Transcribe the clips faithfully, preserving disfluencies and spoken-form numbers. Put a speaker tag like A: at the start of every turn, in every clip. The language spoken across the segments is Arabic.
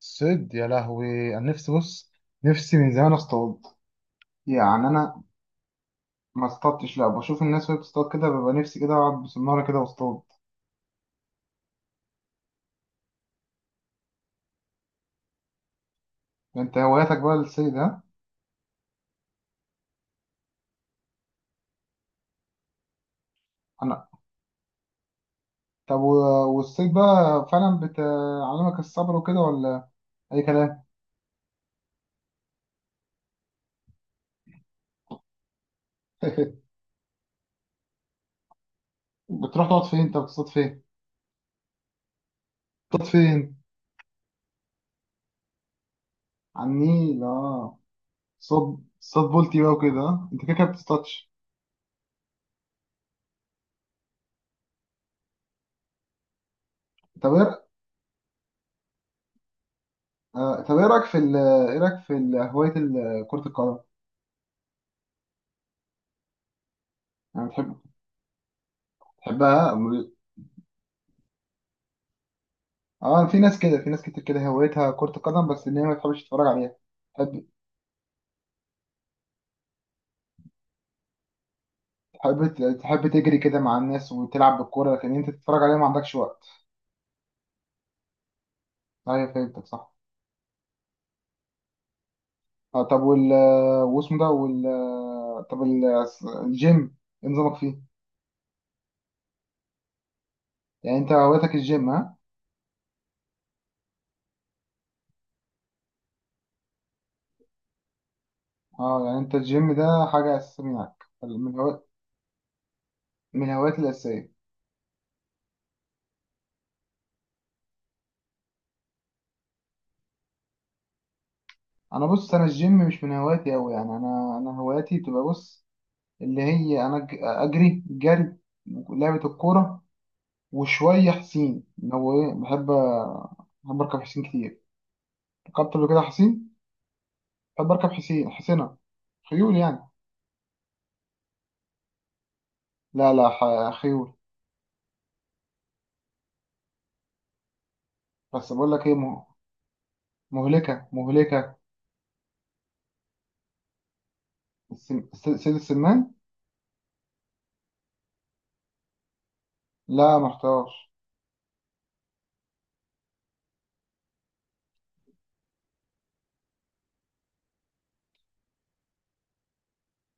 A: صيد يا لهوي، انا نفسي، بص، نفسي من زمان اصطاد يعني انا. ما اصطادتش، لا بشوف الناس وهي بتصطاد كده ببقى نفسي كده اقعد بسناره كده واصطاد. انت هواياتك بقى الصيد، ها؟ انا. طب و- والصيد بقى فعلا بتعلمك الصبر وكده، ولا اي كلام؟ بتروح تقعد فين؟ انت بتصطاد فين؟ بتصطاد فين؟ على النيل، اه. صاد صاد بولتي بقى وكده، ها؟ انت كده كده بتصطادش. طب ايه؟ آه، طب ايه رايك في ال- ايه رايك في ال- هوايه ال- كره القدم؟ يعني بتحب؟ بحبها. اه، في ناس كده، في ناس كتير كده هوايتها كرة القدم، بس ان هي ما تحبش تتفرج عليها. تحب. تحب تحب تجري كده مع الناس وتلعب بالكورة، لكن انت تتفرج عليها ما عندكش وقت. ايوه، فهمتك صح. آه، طب وال واسمه ده وال طب ال- الجيم، ايه نظامك فيه؟ يعني انت هوايتك الجيم، ها؟ اه، يعني انت الجيم ده حاجة اساسية معاك، من هوايات. من هواياتي الأساسية. انا بص، انا الجيم مش من هواياتي أوي، يعني انا انا هواياتي بتبقى، بص، اللي هي انا أج- اجري جري، لعبه الكوره، وشويه حسين، اللي هو ايه، بحب. بحب اركب حسين كتير. ركبت قبل كده حسين. بحب اركب حسين حسينة، خيول يعني. لا لا، ح- خيول. بس بقول لك ايه، مه- مهلكه مهلكه. السم- س- سيد السمان. لا محتاج.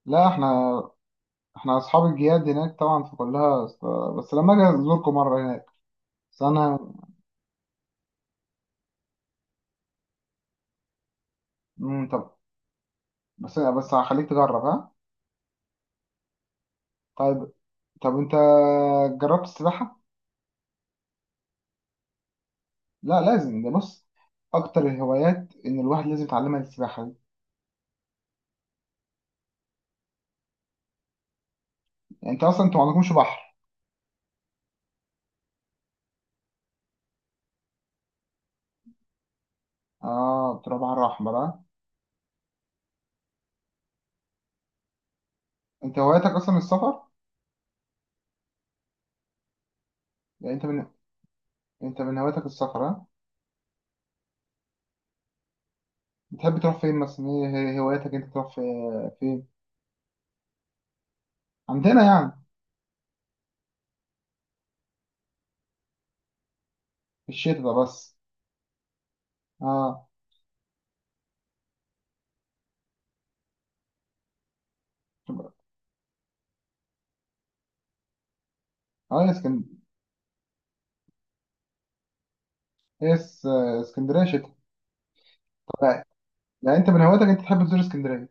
A: لا احنا. احنا اصحاب الجياد هناك طبعا، فكلها س- بس لما اجي ازوركم مره هناك. بس انا. مم، طب. بس بس هخليك تجرب، ها؟ طيب. طب انت جربت السباحه؟ لا لازم، ده بص، اكتر الهوايات ان الواحد لازم يتعلمها السباحه دي. يعني انت اصلا، انت ما عندكمش بحر. اه، بتروح بحر احمر، اه. انت هوايتك اصلا السفر؟ يعني انت من انت من هواياتك السفر، اه. بتحب تروح فين مثلا؟ ايه هي- إيه هواياتك؟ انت تروح في فين؟ عندنا يعني. في الشتاء ده بس؟ اه، اه، يا اسكن. هي اس- اسكندريه شتاء؟ لا. يعني انت من هواياتك انت تحب تزور اسكندريه؟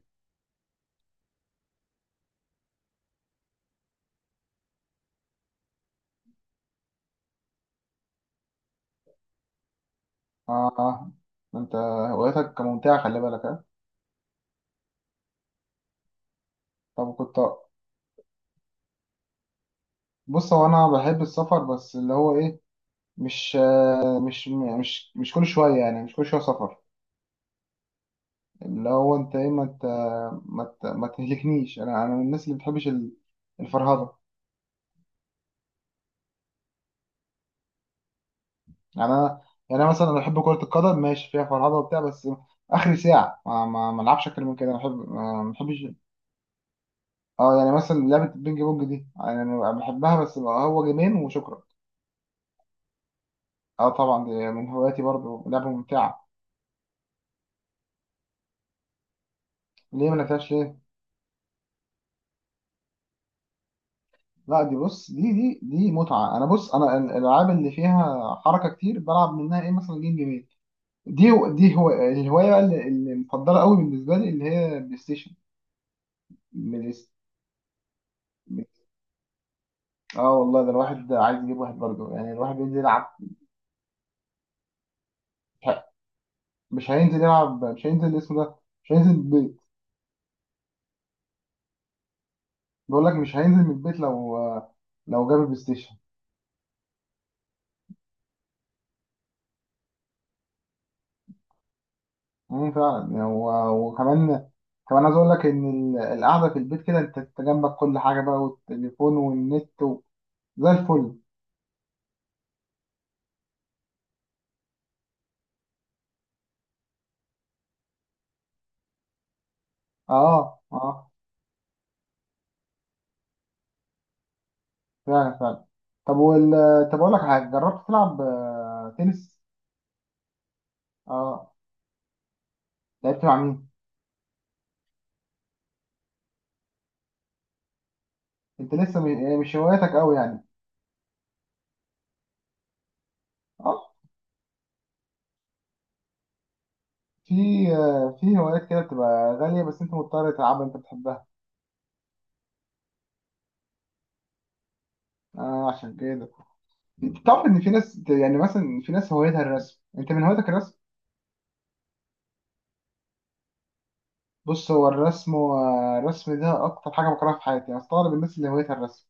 A: اه، اه، ما انت هواياتك ممتعه، خلي بالك، اه. طب كنت. بص، هو انا بحب السفر، بس اللي هو ايه. مش. مش يعني، مش مش كل شويه، يعني مش كل شويه سفر. اللي هو انت ايه، ما ت- ما ت- ما تهلكنيش، انا انا من الناس اللي بتحبش ال- الفرهده. يعني انا. يعني انا مثلا، انا بحب كره القدم، ماشي فيها فرهده وبتاع، بس اخر ساعه ما ما ما العبش اكتر من كده، انا بحب، ما ما بحبش. اه، يعني مثلا لعبه البينج بونج دي، يعني انا بحبها، بس بقى هو جيمين وشكرا. اه طبعا، دي من هواياتي برضو، لعبه ممتعه. ليه ما لعبتهاش؟ ليه؟ لا، دي بص، دي دي دي متعه. انا بص، انا ال- الالعاب اللي فيها حركه كتير بلعب منها، ايه مثلا، جيم جيمين. دي. دي هو الهوايه بقى اللي اللي مفضله قوي بالنسبه لي، اللي هي بلاي ستيشن. بلاي ست- اه والله، ده الواحد عايز يجيب واحد برضه، يعني الواحد بينزل يلعب، مش هينزل يلعب، مش هينزل اسمه ده، مش هينزل البيت. بقول لك، مش هينزل من البيت لو، لو جاب البلاي ستيشن. مم، فعلا يعني، و- وكمان، كمان عايز اقول لك ان ال- القعده في البيت كده، انت أنت جنبك كل حاجه بقى، والتليفون والنت و- زي الفل. اه اه، فعلا فعلا. طب وال طب اقول لك حاجه، جربت تلعب آه، تنس؟ اه، لعبت مع مين؟ انت لسه م- يعني، مش هواياتك قوي يعني. اه، في آه، في هوايات كده بتبقى غالية، بس انت مضطر تلعبها، انت بتحبها. آه، عشان كده. تعرف ان في ناس، يعني مثلا في ناس هوايتها الرسم، انت من هوايتك الرسم؟ بص، هو الرسم، والرسم ده اكتر حاجة بكرهها في حياتي، انا استغرب الناس اللي هوايتها الرسم.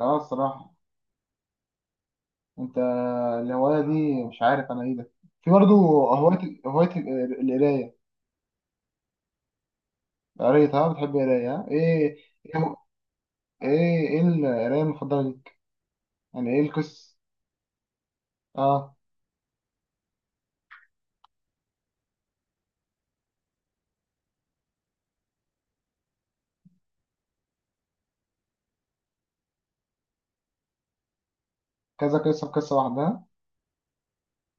A: اه، الصراحة. انت، الهواية دي مش عارف انا ايه ده. في برضه هواية هواية ال- القراية. قريت، ها؟ بتحب القراية، ها؟ ايه؟ ايه، ايه إيه القراية المفضلة؟ يعني ايه القصة؟ اه، كذا قصة في قصة لوحدها.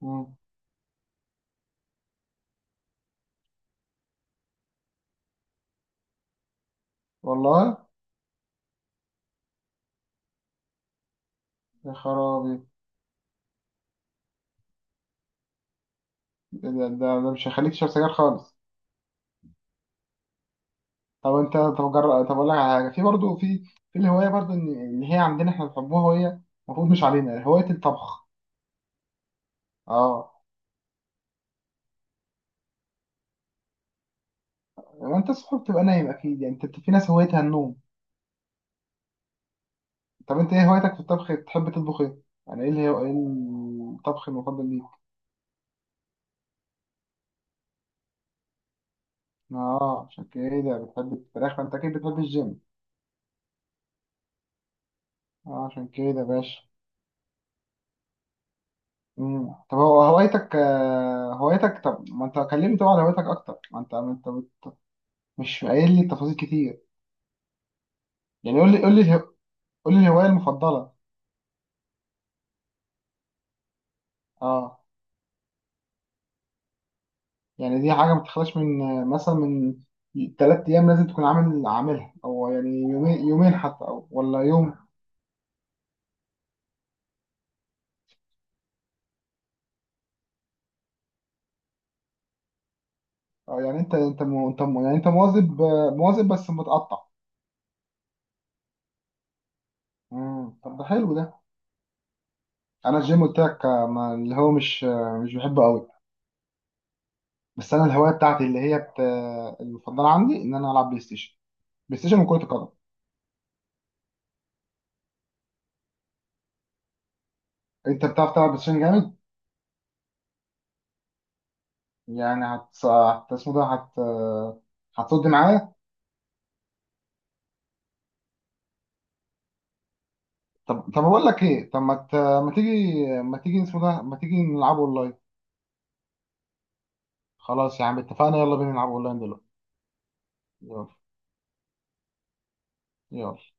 A: مم. والله. يا خرابي. إيه ده, ده, ده, مش هيخليك تشرب سجاير خالص. طب انت، طب جرب، طب اقول لك على حاجة، في برضه في، في الهواية برضه، ان إن هي عندنا احنا بنحبوها، وهي المفروض مش علينا، هواية الطبخ. اه. ما انت الصبح بتبقى نايم اكيد، يعني انت، في ناس هوايتها النوم. طب انت ايه هوايتك في الطبخ؟ بتحب تطبخ ايه؟ يعني ايه الهو- ايه الطبخ المفضل ليك؟ اه، عشان كده بتحب الفراخ، فانت اكيد بتحب الجيم. اه، عشان كده يا باشا. مم. طب هو هوايتك آه، هوايتك، طب ما انت كلمني طبعا عن هوايتك اكتر، ما انت ما انت بت- مش قايل لي تفاصيل كتير. يعني قول لي قول لي اله- قول لي الهوايه المفضله. اه، يعني دي حاجه ما بتخلاش من آه، مثلا من ثلاث ايام، لازم تكون عامل عاملها، او يعني يومين، يومين حتى، او ولا يوم. آه، يعني انت انت مو انت مو يعني انت مواظب آه، مواظب بس متقطع. مم. طب ده حلو ده. انا الجيم قلت لك آه، ما اللي هو مش آه، مش بحبه قوي. بس انا الهوايه بتاعتي اللي هي بت... آه، المفضله عندي ان انا العب بلاي ستيشن، بلاي ستيشن وكرة القدم. انت بتعرف تلعب بلاي ستيشن جامد؟ يعني هت هت- اسمه ده، هت هتصد معايا. طب طب اقول لك ايه؟ طب ما ت... ما تيجي ما تيجي اسمه ده، ما تيجي نلعب اونلاين؟ خلاص يا عم، اتفقنا، يلا بينا نلعب اونلاين دلوقتي. يلا. يلا.